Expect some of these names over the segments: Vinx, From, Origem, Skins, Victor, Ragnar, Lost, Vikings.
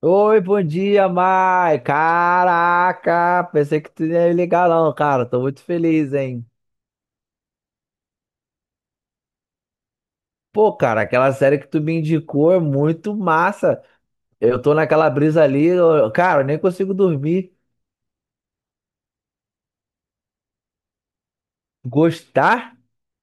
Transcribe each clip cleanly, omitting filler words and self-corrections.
Oi, bom dia, Mai. Caraca, pensei que tu não ia ligar não, cara. Tô muito feliz, hein? Pô, cara, aquela série que tu me indicou é muito massa. Eu tô naquela brisa ali, cara, eu nem consigo dormir. Gostar?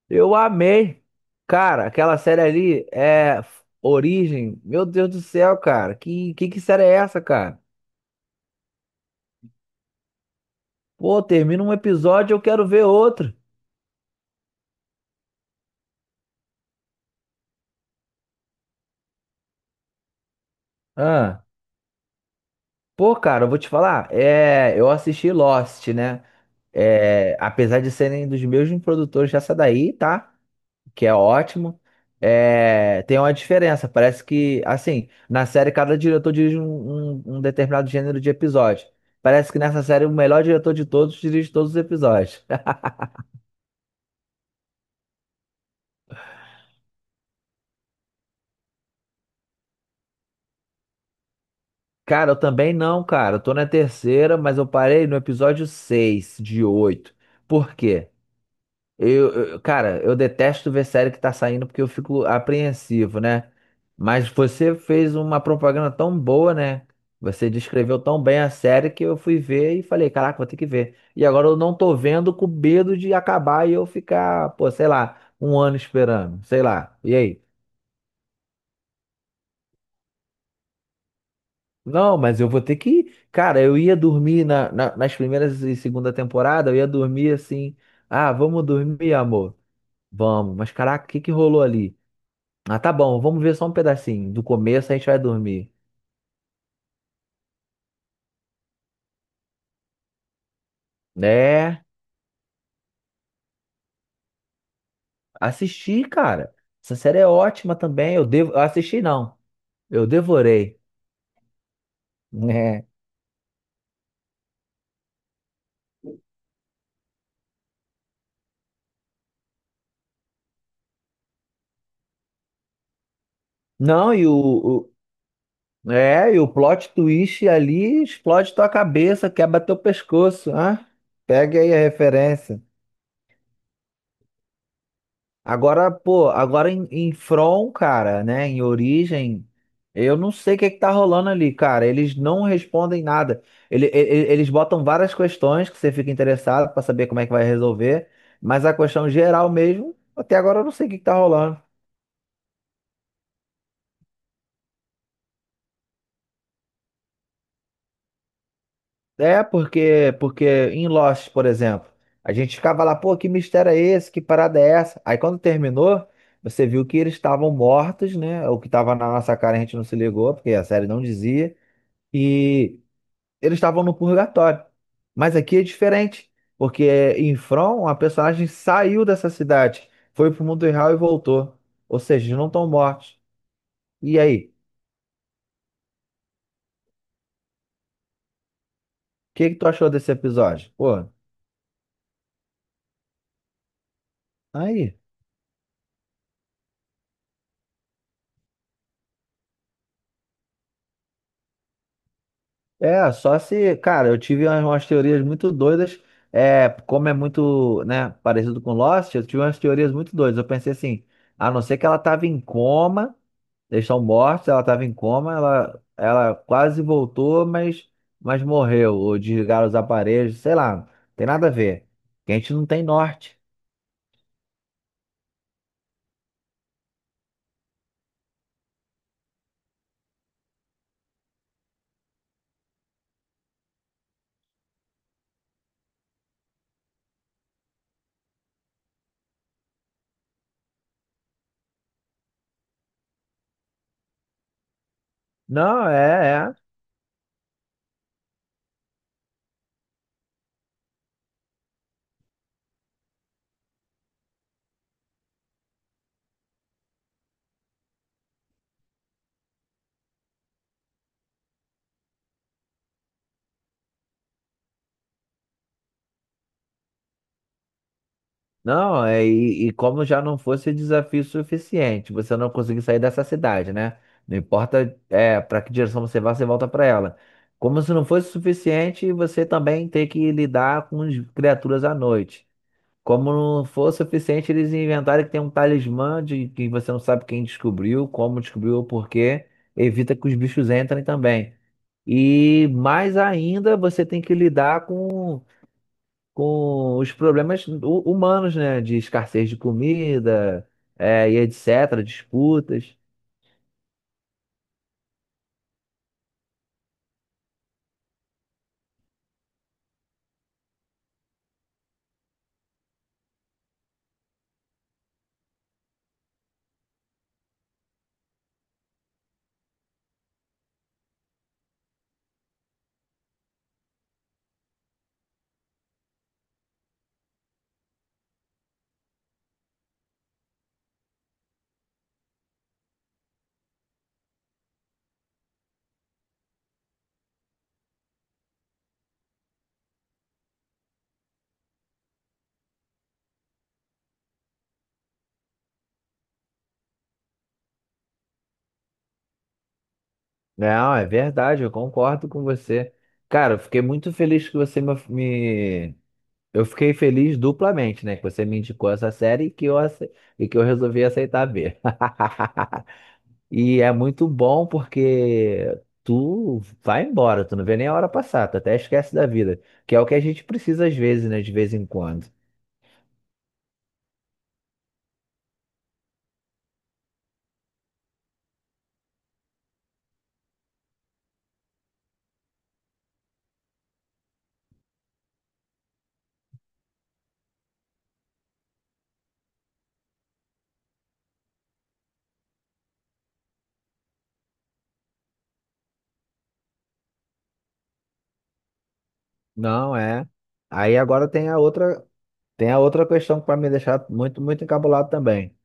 Eu amei. Cara, aquela série ali é Origem. Meu Deus do céu, cara. Que série é essa, cara? Pô, termina um episódio, eu quero ver outro. Ah, pô, cara, eu vou te falar. É, eu assisti Lost, né? É, apesar de serem dos mesmos produtores dessa daí, tá? Que é ótimo. É, tem uma diferença. Parece que, assim, na série cada diretor dirige um determinado gênero de episódio. Parece que nessa série o melhor diretor de todos dirige todos os episódios. Cara, eu também não, cara. Eu tô na terceira, mas eu parei no episódio 6 de oito. Por quê? Cara, eu detesto ver série que tá saindo porque eu fico apreensivo, né? Mas você fez uma propaganda tão boa, né? Você descreveu tão bem a série que eu fui ver e falei, caraca, vou ter que ver. E agora eu não tô vendo com medo de acabar e eu ficar, pô, sei lá, um ano esperando, sei lá. E aí? Não, mas eu vou ter que. Cara, eu ia dormir nas primeiras e segunda temporada, eu ia dormir assim. Ah, vamos dormir, amor. Vamos. Mas caraca, o que que rolou ali? Ah, tá bom, vamos ver só um pedacinho. Do começo a gente vai dormir. É, assisti, cara. Essa série é ótima também. Eu assisti não. Eu devorei. É. Não, e o plot twist ali explode tua cabeça, quebra teu pescoço, ah? Pegue aí a referência. Agora, pô, agora em From, cara, né? Em Origem, eu não sei o que é que tá rolando ali, cara. Eles não respondem nada. Eles botam várias questões que você fica interessado pra saber como é que vai resolver, mas a questão geral mesmo, até agora eu não sei o que que tá rolando. É, porque em Lost, por exemplo, a gente ficava lá, pô, que mistério é esse? Que parada é essa? Aí quando terminou, você viu que eles estavam mortos, né? O que tava na nossa cara a gente não se ligou, porque a série não dizia. E eles estavam no purgatório. Mas aqui é diferente, porque é, em From a personagem saiu dessa cidade, foi pro mundo real e voltou. Ou seja, eles não estão mortos. E aí? O que que tu achou desse episódio? Pô, tá aí. É, só se, cara, eu tive umas teorias muito doidas, é, como é muito, né, parecido com Lost, eu tive umas teorias muito doidas. Eu pensei assim, a não ser que ela tava em coma, eles estão mortos, ela tava em coma, ela quase voltou, mas morreu, ou desligaram os aparelhos, sei lá, tem nada a ver. Que a gente não tem norte. Não, é, é. Não, é, e como já não fosse desafio suficiente, você não conseguir sair dessa cidade, né? Não importa é, para que direção você vá, você volta para ela. Como se não fosse suficiente, você também ter que lidar com as criaturas à noite. Como não for suficiente, eles inventarem que tem um talismã de que você não sabe quem descobriu, como descobriu ou por quê. Evita que os bichos entrem também. E mais ainda, você tem que lidar com os problemas humanos, né? De escassez de comida, é, e etc., disputas. Não, é verdade, eu concordo com você. Cara, eu fiquei muito feliz que você eu fiquei feliz duplamente, né? Que você me indicou essa série e que e que eu resolvi aceitar ver. E é muito bom porque tu vai embora, tu não vê nem a hora passar, tu até esquece da vida, que é o que a gente precisa às vezes, né? De vez em quando. Não é. Aí agora tem a outra questão que vai me deixar muito, muito encabulado também.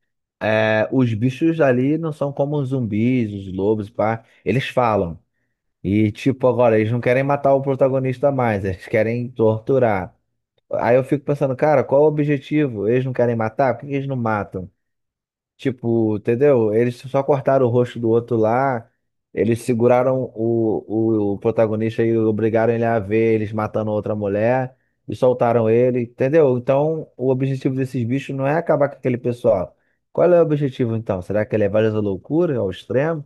É, os bichos ali não são como os zumbis, os lobos, pá. Eles falam. E tipo, agora eles não querem matar o protagonista mais, eles querem torturar. Aí eu fico pensando, cara, qual o objetivo? Eles não querem matar? Por que eles não matam? Tipo, entendeu? Eles só cortaram o rosto do outro lá. Eles seguraram o protagonista e obrigaram ele a ver eles matando outra mulher e soltaram ele, entendeu? Então, o objetivo desses bichos não é acabar com aquele pessoal. Qual é o objetivo então? Será que é levar eles à loucura, ao extremo?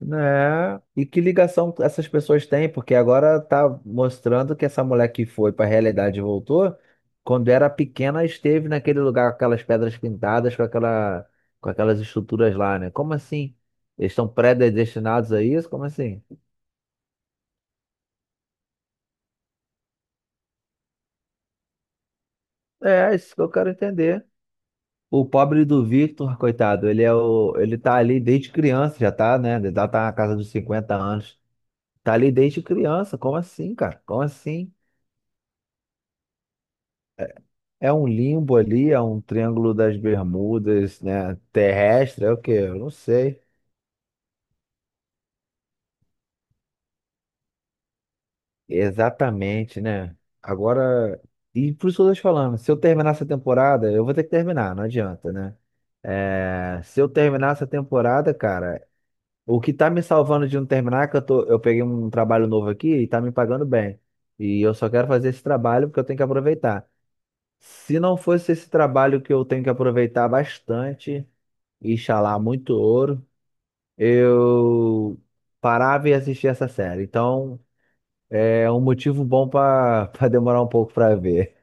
Né? E que ligação essas pessoas têm? Porque agora tá mostrando que essa mulher que foi para a realidade e voltou, quando era pequena, esteve naquele lugar com aquelas pedras pintadas, com aquelas estruturas lá, né? Como assim? Eles estão predestinados a isso? Como assim? É, é isso que eu quero entender. O pobre do Victor, coitado, ele tá ali desde criança, já tá, né? Já tá na casa dos 50 anos. Tá ali desde criança. Como assim, cara? Como assim? É um limbo ali, é um triângulo das Bermudas, né? Terrestre, é o quê? Eu não sei. Exatamente, né? Agora, e por isso que eu tô te falando, se eu terminar essa temporada, eu vou ter que terminar, não adianta, né? É, se eu terminar essa temporada, cara, o que tá me salvando de não terminar é que eu tô, eu peguei um trabalho novo aqui e tá me pagando bem. E eu só quero fazer esse trabalho porque eu tenho que aproveitar. Se não fosse esse trabalho que eu tenho que aproveitar bastante, e ralar muito ouro. Eu parava e assistia essa série. Então, é um motivo bom para para demorar um pouco para ver.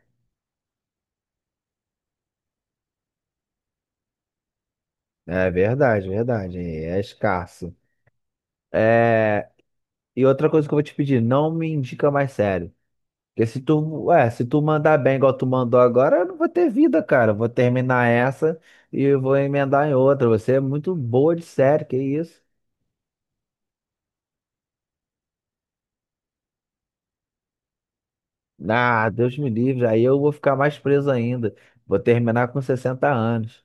É verdade, verdade. É escasso. É, e outra coisa que eu vou te pedir, não me indica mais série. Porque se tu, ué, se tu mandar bem igual tu mandou agora, eu não vou ter vida, cara. Eu vou terminar essa e eu vou emendar em outra. Você é muito boa de série, que isso? Ah, Deus me livre. Aí eu vou ficar mais preso ainda. Vou terminar com 60 anos.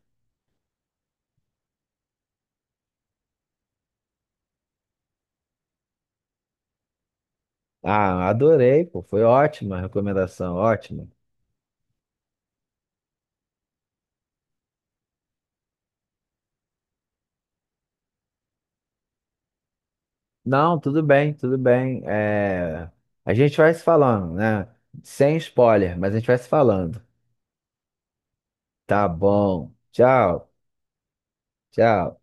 Ah, adorei, pô. Foi ótima a recomendação, ótima. Não, tudo bem, tudo bem. É, a gente vai se falando, né? Sem spoiler, mas a gente vai se falando. Tá bom. Tchau, tchau.